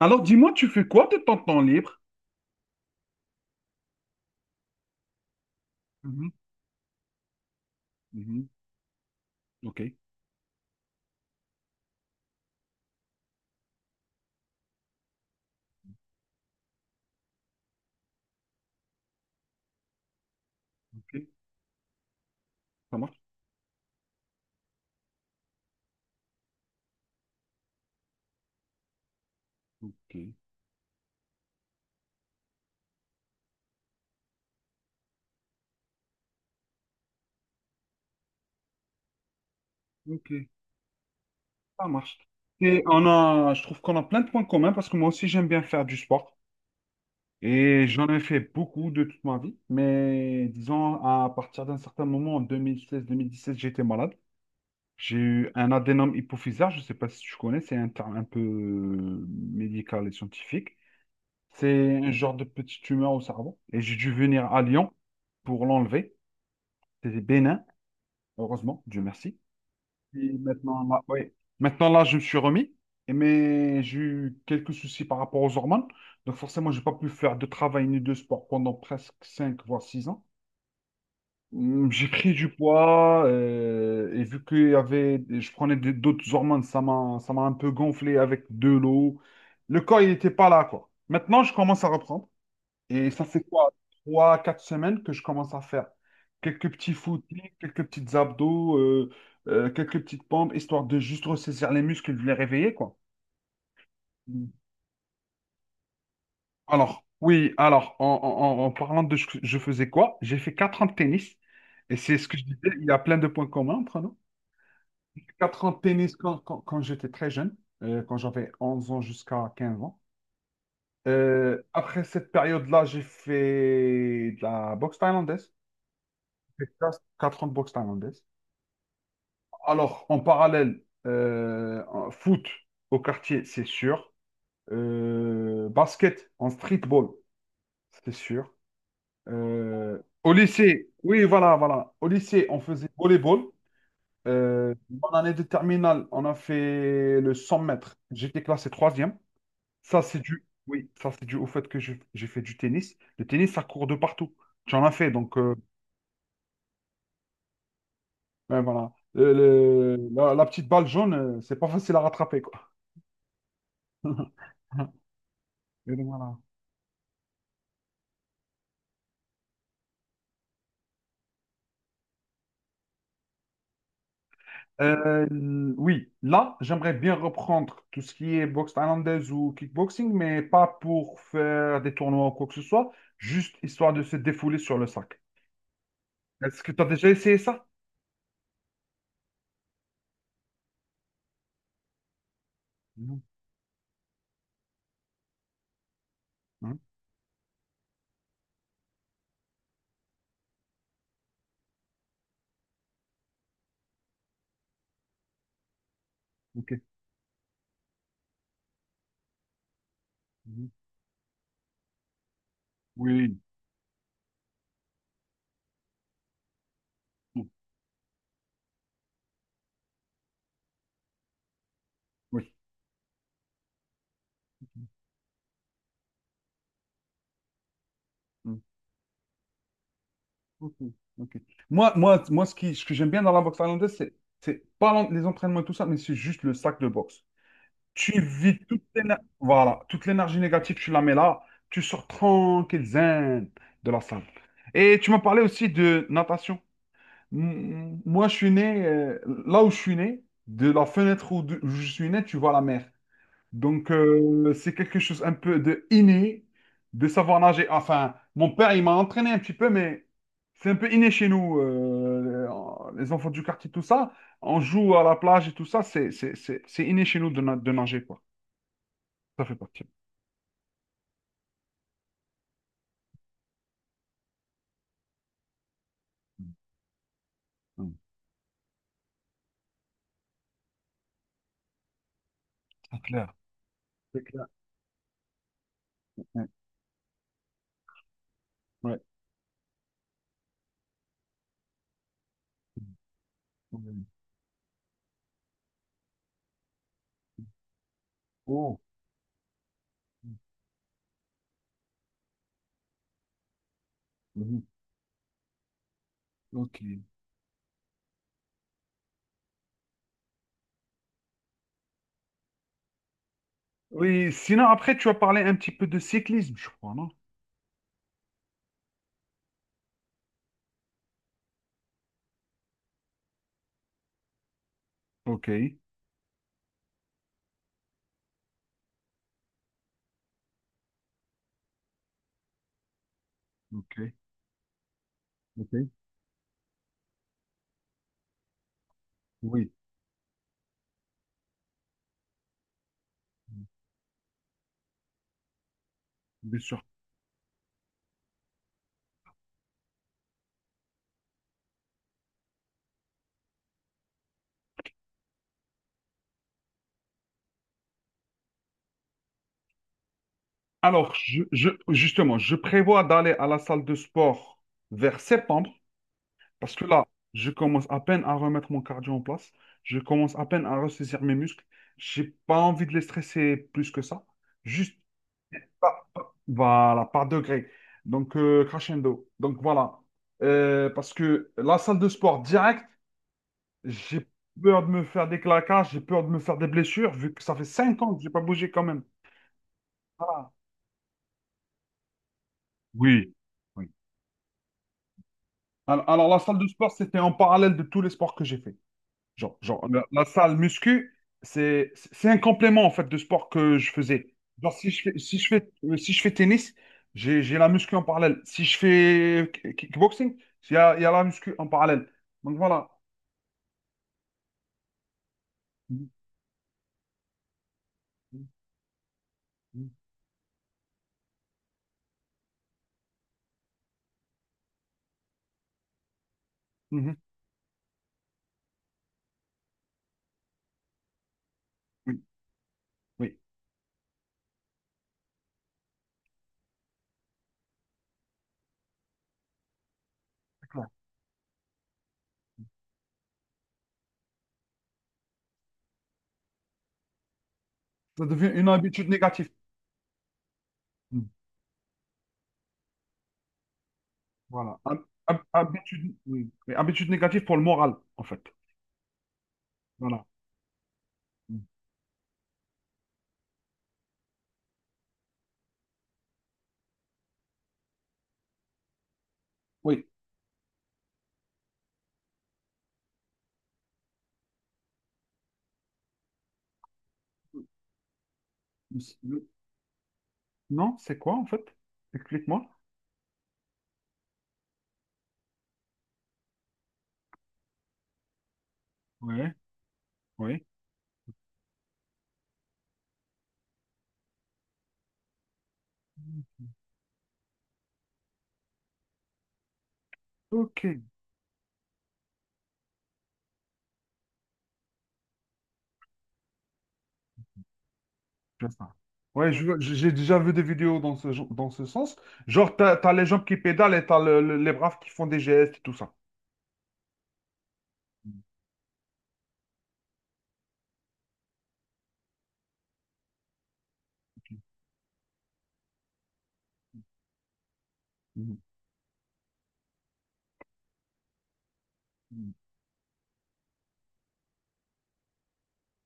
Alors, dis-moi, tu fais quoi de ton temps libre? Mhm, mhm. Ok, ok, ça marche. Ok, ok. Ça marche. Et on a, je trouve qu'on a plein de points communs parce que moi aussi, j'aime bien faire du sport. Et j'en ai fait beaucoup de toute ma vie. Mais disons, à partir d'un certain moment, en 2016-2017, j'étais malade. J'ai eu un adénome hypophysaire. Je ne sais pas si tu connais, c'est un terme un peu médical et scientifique. C'est un genre de petite tumeur au cerveau. Et j'ai dû venir à Lyon pour l'enlever. C'était bénin. Heureusement, Dieu merci. Et maintenant, là, oui. Maintenant, là, je me suis remis, mais j'ai eu quelques soucis par rapport aux hormones. Donc, forcément, je n'ai pas pu faire de travail ni de sport pendant presque 5 voire 6 ans. J'ai pris du poids, et vu que y avait, je prenais d'autres hormones, ça m'a un peu gonflé avec de l'eau. Le corps, il n'était pas là, quoi. Maintenant, je commence à reprendre. Et ça fait quoi? 3, 4 semaines que je commence à faire. Quelques petits footings, quelques petites abdos, quelques petites pompes, histoire de juste ressaisir les muscles, de les réveiller, quoi. Mm. Alors, oui, alors, en parlant de ce que je faisais quoi, j'ai fait 4 ans de tennis. Et c'est ce que je disais, il y a plein de points communs entre nous. J'ai fait quatre ans de tennis quand j'étais très jeune, quand j'avais 11 ans jusqu'à 15 ans. Après cette période-là, j'ai fait de la boxe thaïlandaise. Texas, 4 ans de boxe thaïlandaise. Alors, en parallèle, en foot au quartier, c'est sûr. Basket en streetball, c'est sûr. Euh, au lycée, oui, voilà, voilà. Au lycée, on faisait volleyball. Euh, en année de terminale, on a fait le 100 mètres. J'étais classé troisième. Ça, c'est dû, oui, ça, c'est dû au fait que j'ai fait du tennis. Le tennis, ça court de partout. J'en ai fait, donc. Ouais, voilà. La petite balle jaune, c'est pas facile à rattraper, quoi. Et donc, voilà. Euh, oui, là, j'aimerais bien reprendre tout ce qui est boxe thaïlandaise ou kickboxing, mais pas pour faire des tournois ou quoi que ce soit, juste histoire de se défouler sur le sac. Est-ce que tu as déjà essayé ça? Non. Hein. Ok. Mhm. Oui. Non. Oui. Mm. Ok. Ok. Moi, ce que j'aime bien dans la boxe thaïlandaise, c'est pas les entraînements et tout ça, mais c'est juste le sac de boxe. Tu vis toute l'énergie négative, tu la mets là, tu sors tranquille, zen, de la salle. Et tu m'as parlé aussi de natation. Moi, je suis né, là où je suis né, de la fenêtre où je suis né, tu vois la mer. Donc, c'est quelque chose un peu de inné, de savoir nager. Enfin, mon père, il m'a entraîné un petit peu, mais c'est un peu inné chez nous, les enfants du quartier, tout ça. On joue à la plage et tout ça, c'est inné chez nous de, de nager, quoi. Ça fait partie. Mm. Mm. C'est clair. C'est clair. Ouais. Ouais. Mm. Oh. Mhm. Ok. Oui, sinon après, tu as parlé un petit peu de cyclisme, je crois, non? Ok. Ok. Ok. Oui. Mm. Bien sûr. Alors, justement, je prévois d'aller à la salle de sport vers septembre, parce que là, je commence à peine à remettre mon cardio en place, je commence à peine à ressaisir mes muscles, j'ai pas envie de les stresser plus que ça. Juste, Voilà, par degré. Donc, crescendo. Donc, voilà. Parce que la salle de sport direct, j'ai peur de me faire des claquages, j'ai peur de me faire des blessures, vu que ça fait 5 ans que j'ai pas bougé quand même. Voilà. Oui. Oui. Alors, la salle de sport, c'était en parallèle de tous les sports que j'ai fait. Genre, la salle muscu, c'est un complément en fait de sport que je faisais. Genre, si je fais, si je fais, si je fais tennis, j'ai la muscu en parallèle. Si je fais kickboxing, il y a la muscu en parallèle. Donc voilà. Mhm, mhm, mhm. Oui, oui, c'est clair. Ça devient une habitude négative. Mm. Voilà. Habitude, oui. Oui, habitude négative pour le moral, en fait. Voilà. Mm. Oui. Non, c'est quoi en fait? Explique-moi. Oui, oui. Ok. Je vois. Ouais, j'ai déjà vu des vidéos dans ce, dans ce sens. Genre, t'as les gens qui pédalent et t'as les braves qui font des gestes et tout ça. Mhm, mhm,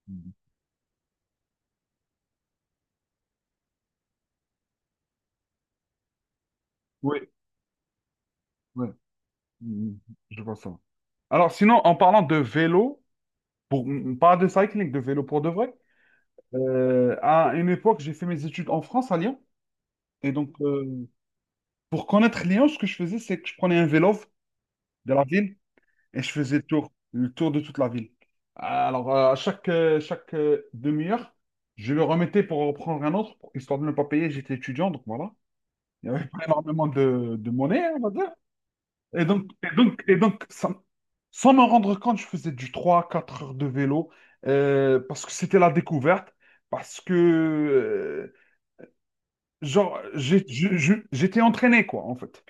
mhm. Oui, ouais. Mhm. Mhm. Je vois ça. Alors, sinon, en parlant de vélo, pour, pas de cycling, de vélo pour de vrai, à une époque, j'ai fait mes études en France, à Lyon. Et donc, pour connaître Lyon, ce que je faisais, c'est que je prenais un vélo de la ville. Et je faisais le tour de toute la ville. Alors, à chaque demi-heure, je le remettais pour reprendre un autre, histoire de ne pas payer. J'étais étudiant, donc voilà. Il n'y avait pas énormément de monnaie, on va dire. Et donc, sans m'en rendre compte, je faisais du 3-4 heures de vélo parce que c'était la découverte, parce que, genre, j'étais entraîné, quoi, en fait.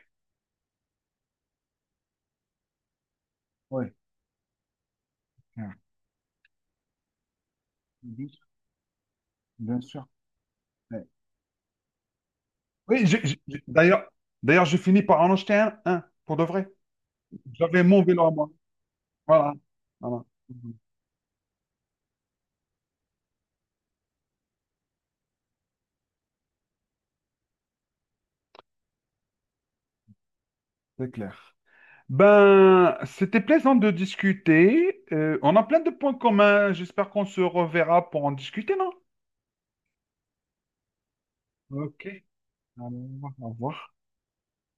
Ouais. Ouais. Bien sûr. Bien sûr. Oui, d'ailleurs, j'ai fini par en acheter un, pour de vrai. J'avais mon vélo à moi. Voilà. Voilà. C'est clair. Ben, c'était plaisant de discuter. On a plein de points communs. J'espère qu'on se reverra pour en discuter, non? Ok. Alors, au revoir.